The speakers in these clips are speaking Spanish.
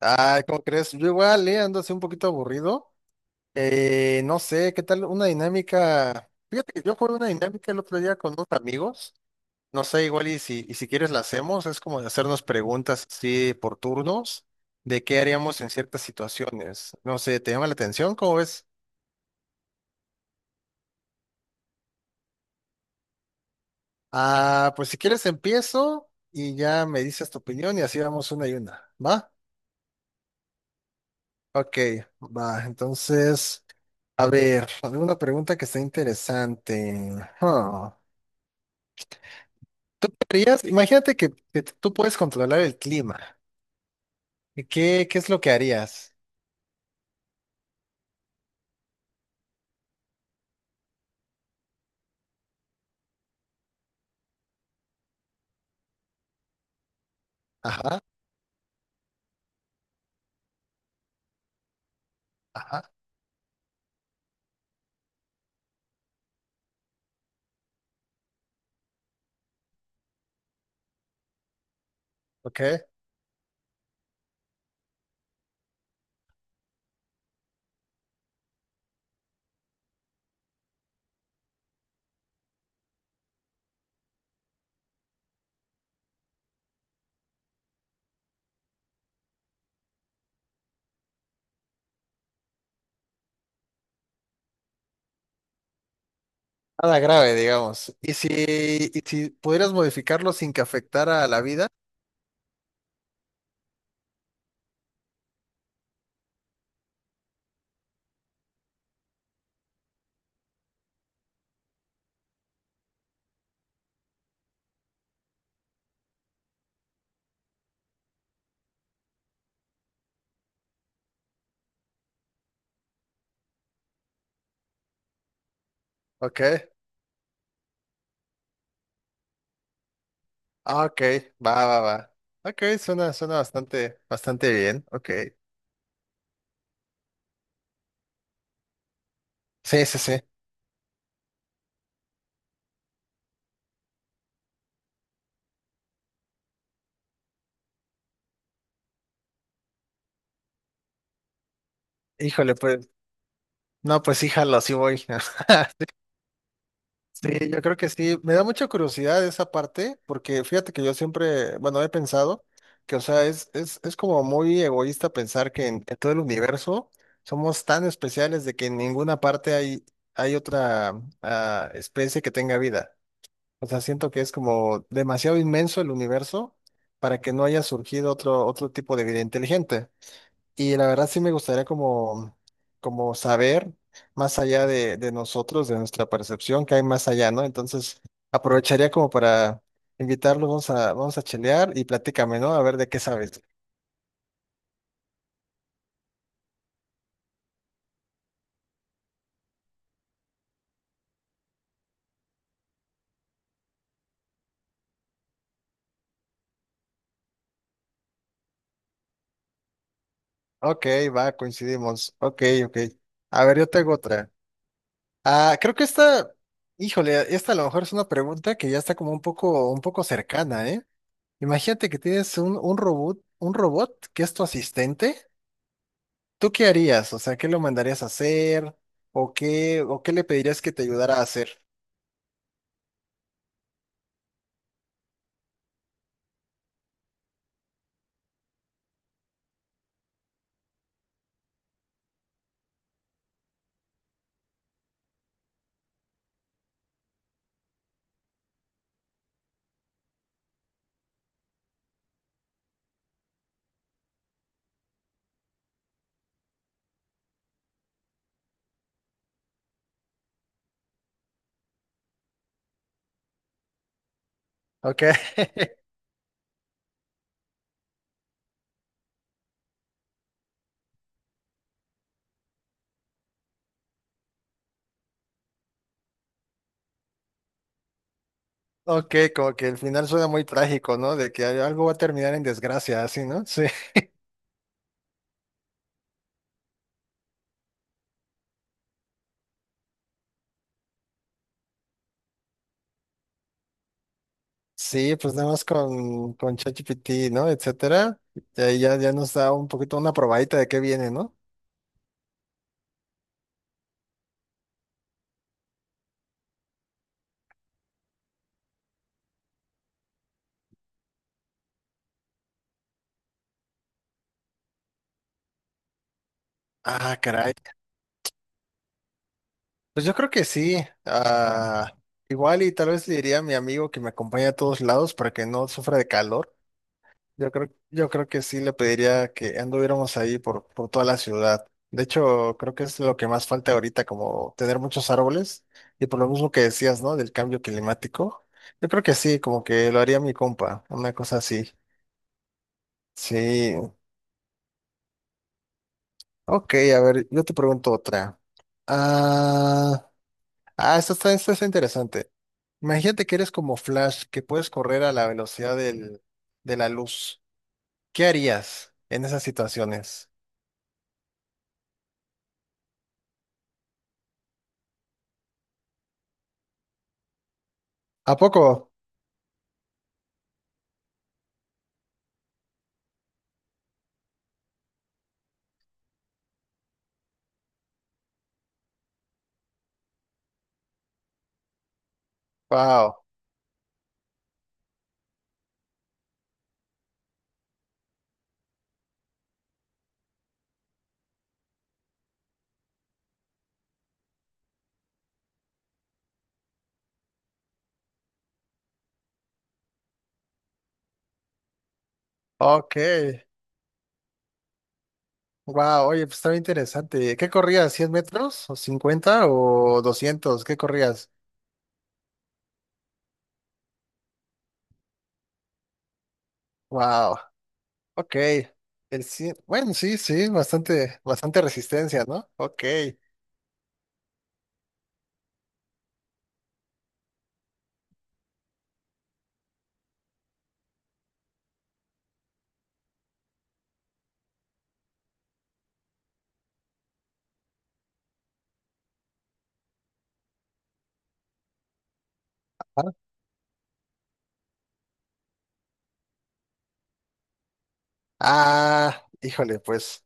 Ah, ¿cómo crees? Yo igual, ando así un poquito aburrido. No sé, ¿qué tal una dinámica? Fíjate que yo jugué una dinámica el otro día con unos amigos. No sé, igual y si quieres la hacemos, es como de hacernos preguntas así por turnos de qué haríamos en ciertas situaciones. No sé, ¿te llama la atención? ¿Cómo ves? Ah, pues si quieres empiezo y ya me dices tu opinión y así vamos una y una. ¿Va? Ok, va. Entonces, a ver, alguna pregunta que está interesante. Huh. ¿Tú qué harías? Imagínate que tú puedes controlar el clima. ¿Y ¿Qué es lo que harías? Ajá, ajá, ok. Nada grave, digamos. ¿Y si pudieras modificarlo sin que afectara a la vida? Ok, ah, ok, va, va, va. Ok, suena bastante, bastante bien. Ok. Sí, sí, sí. Híjole, pues, no, pues híjalo, sí voy. Sí, yo creo que sí. Me da mucha curiosidad esa parte, porque fíjate que yo siempre, bueno, he pensado que, o sea, es como muy egoísta pensar que en todo el universo somos tan especiales de que en ninguna parte hay otra especie que tenga vida. O sea, siento que es como demasiado inmenso el universo para que no haya surgido otro tipo de vida inteligente. Y la verdad sí me gustaría como, como saber más allá de nosotros, de nuestra percepción, que hay más allá, ¿no? Entonces aprovecharía como para invitarlos, vamos a chelear y platícame, ¿no? A ver de qué sabes. Ok, va, coincidimos. Ok, ok. A ver, yo tengo otra. Ah, creo que esta, híjole, esta a lo mejor es una pregunta que ya está como un poco cercana, ¿eh? Imagínate que tienes un robot, un robot que es tu asistente. ¿Tú qué harías? O sea, ¿qué lo mandarías a hacer? ¿O qué le pedirías que te ayudara a hacer? Ok, ok, como que el final suena muy trágico, ¿no? De que algo va a terminar en desgracia, así, ¿no? Sí, sí, pues nada más con ChatGPT, ¿no? Etcétera. Y ahí ya, ya nos da un poquito una probadita de qué viene, ¿no? Ah, caray. Pues yo creo que sí. Ah, igual y tal vez le diría a mi amigo que me acompañe a todos lados para que no sufra de calor. Yo creo que sí le pediría que anduviéramos ahí por toda la ciudad. De hecho, creo que es lo que más falta ahorita, como tener muchos árboles. Y por lo mismo que decías, ¿no? Del cambio climático. Yo creo que sí, como que lo haría mi compa, una cosa así. Sí. Ok, a ver, yo te pregunto otra. Ah, ah, esto está interesante. Imagínate que eres como Flash, que puedes correr a la velocidad del, de la luz. ¿Qué harías en esas situaciones? ¿A poco? Wow, ok, wow, oye, pues estaba interesante. ¿Qué corrías? ¿100 metros? ¿O 50? ¿O 200? ¿Qué corrías? Wow, ok. El cien- Bueno, sí, sí, bastante, bastante resistencia, ¿no? Ok. Ah, ah, híjole, pues.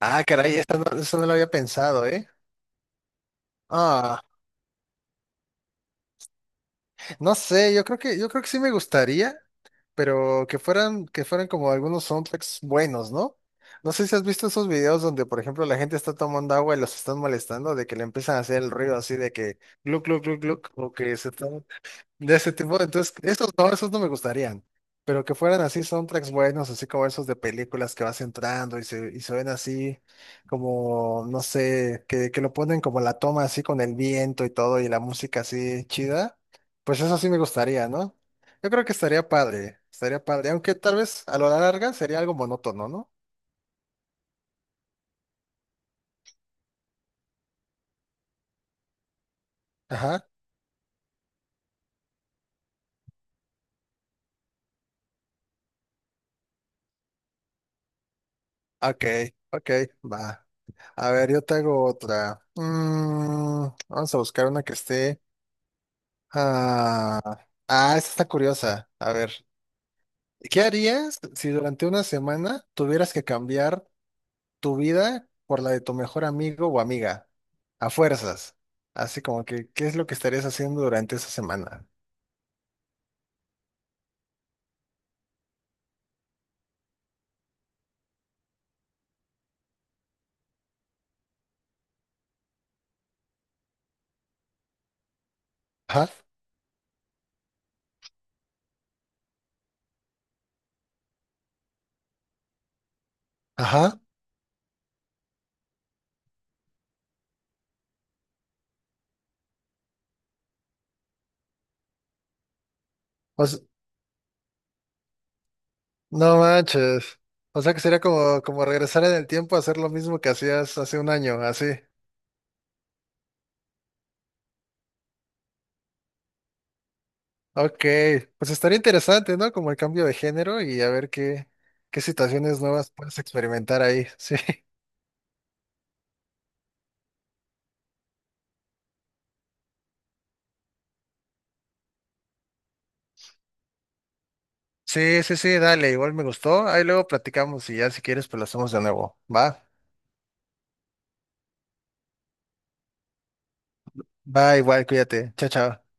Ah, caray, eso no, esta no lo había pensado, ¿eh? Ah, no sé, yo creo que sí me gustaría, pero que fueran como algunos soundtracks buenos, ¿no? No sé si has visto esos videos donde, por ejemplo, la gente está tomando agua y los están molestando, de que le empiezan a hacer el ruido así de que gluk, gluk, gluk, gluk, o que se están de ese tipo, entonces, esos no me gustarían, pero que fueran así soundtracks buenos, así como esos de películas que vas entrando y se ven así como, no sé, que lo ponen como la toma así con el viento y todo y la música así chida, pues eso sí me gustaría, ¿no? Yo creo que estaría padre, aunque tal vez a lo larga sería algo monótono, ¿no? Ajá, ok, ok, va. A ver, yo te hago otra. Mm, vamos a buscar una que esté. Ah, ah, esta está curiosa. A ver, ¿qué harías si durante una semana tuvieras que cambiar tu vida por la de tu mejor amigo o amiga? A fuerzas. Así como que, ¿qué es lo que estarías haciendo durante esa semana? Ajá, ajá. O s- no manches. O sea que sería como, como regresar en el tiempo a hacer lo mismo que hacías hace un año, así. Ok, pues estaría interesante, ¿no? Como el cambio de género y a ver qué, qué situaciones nuevas puedes experimentar ahí. Sí. Sí, sí, sí, dale, igual me gustó. Ahí luego platicamos y ya si quieres, pues lo hacemos de nuevo. Va, va, igual, cuídate. Chao, chao.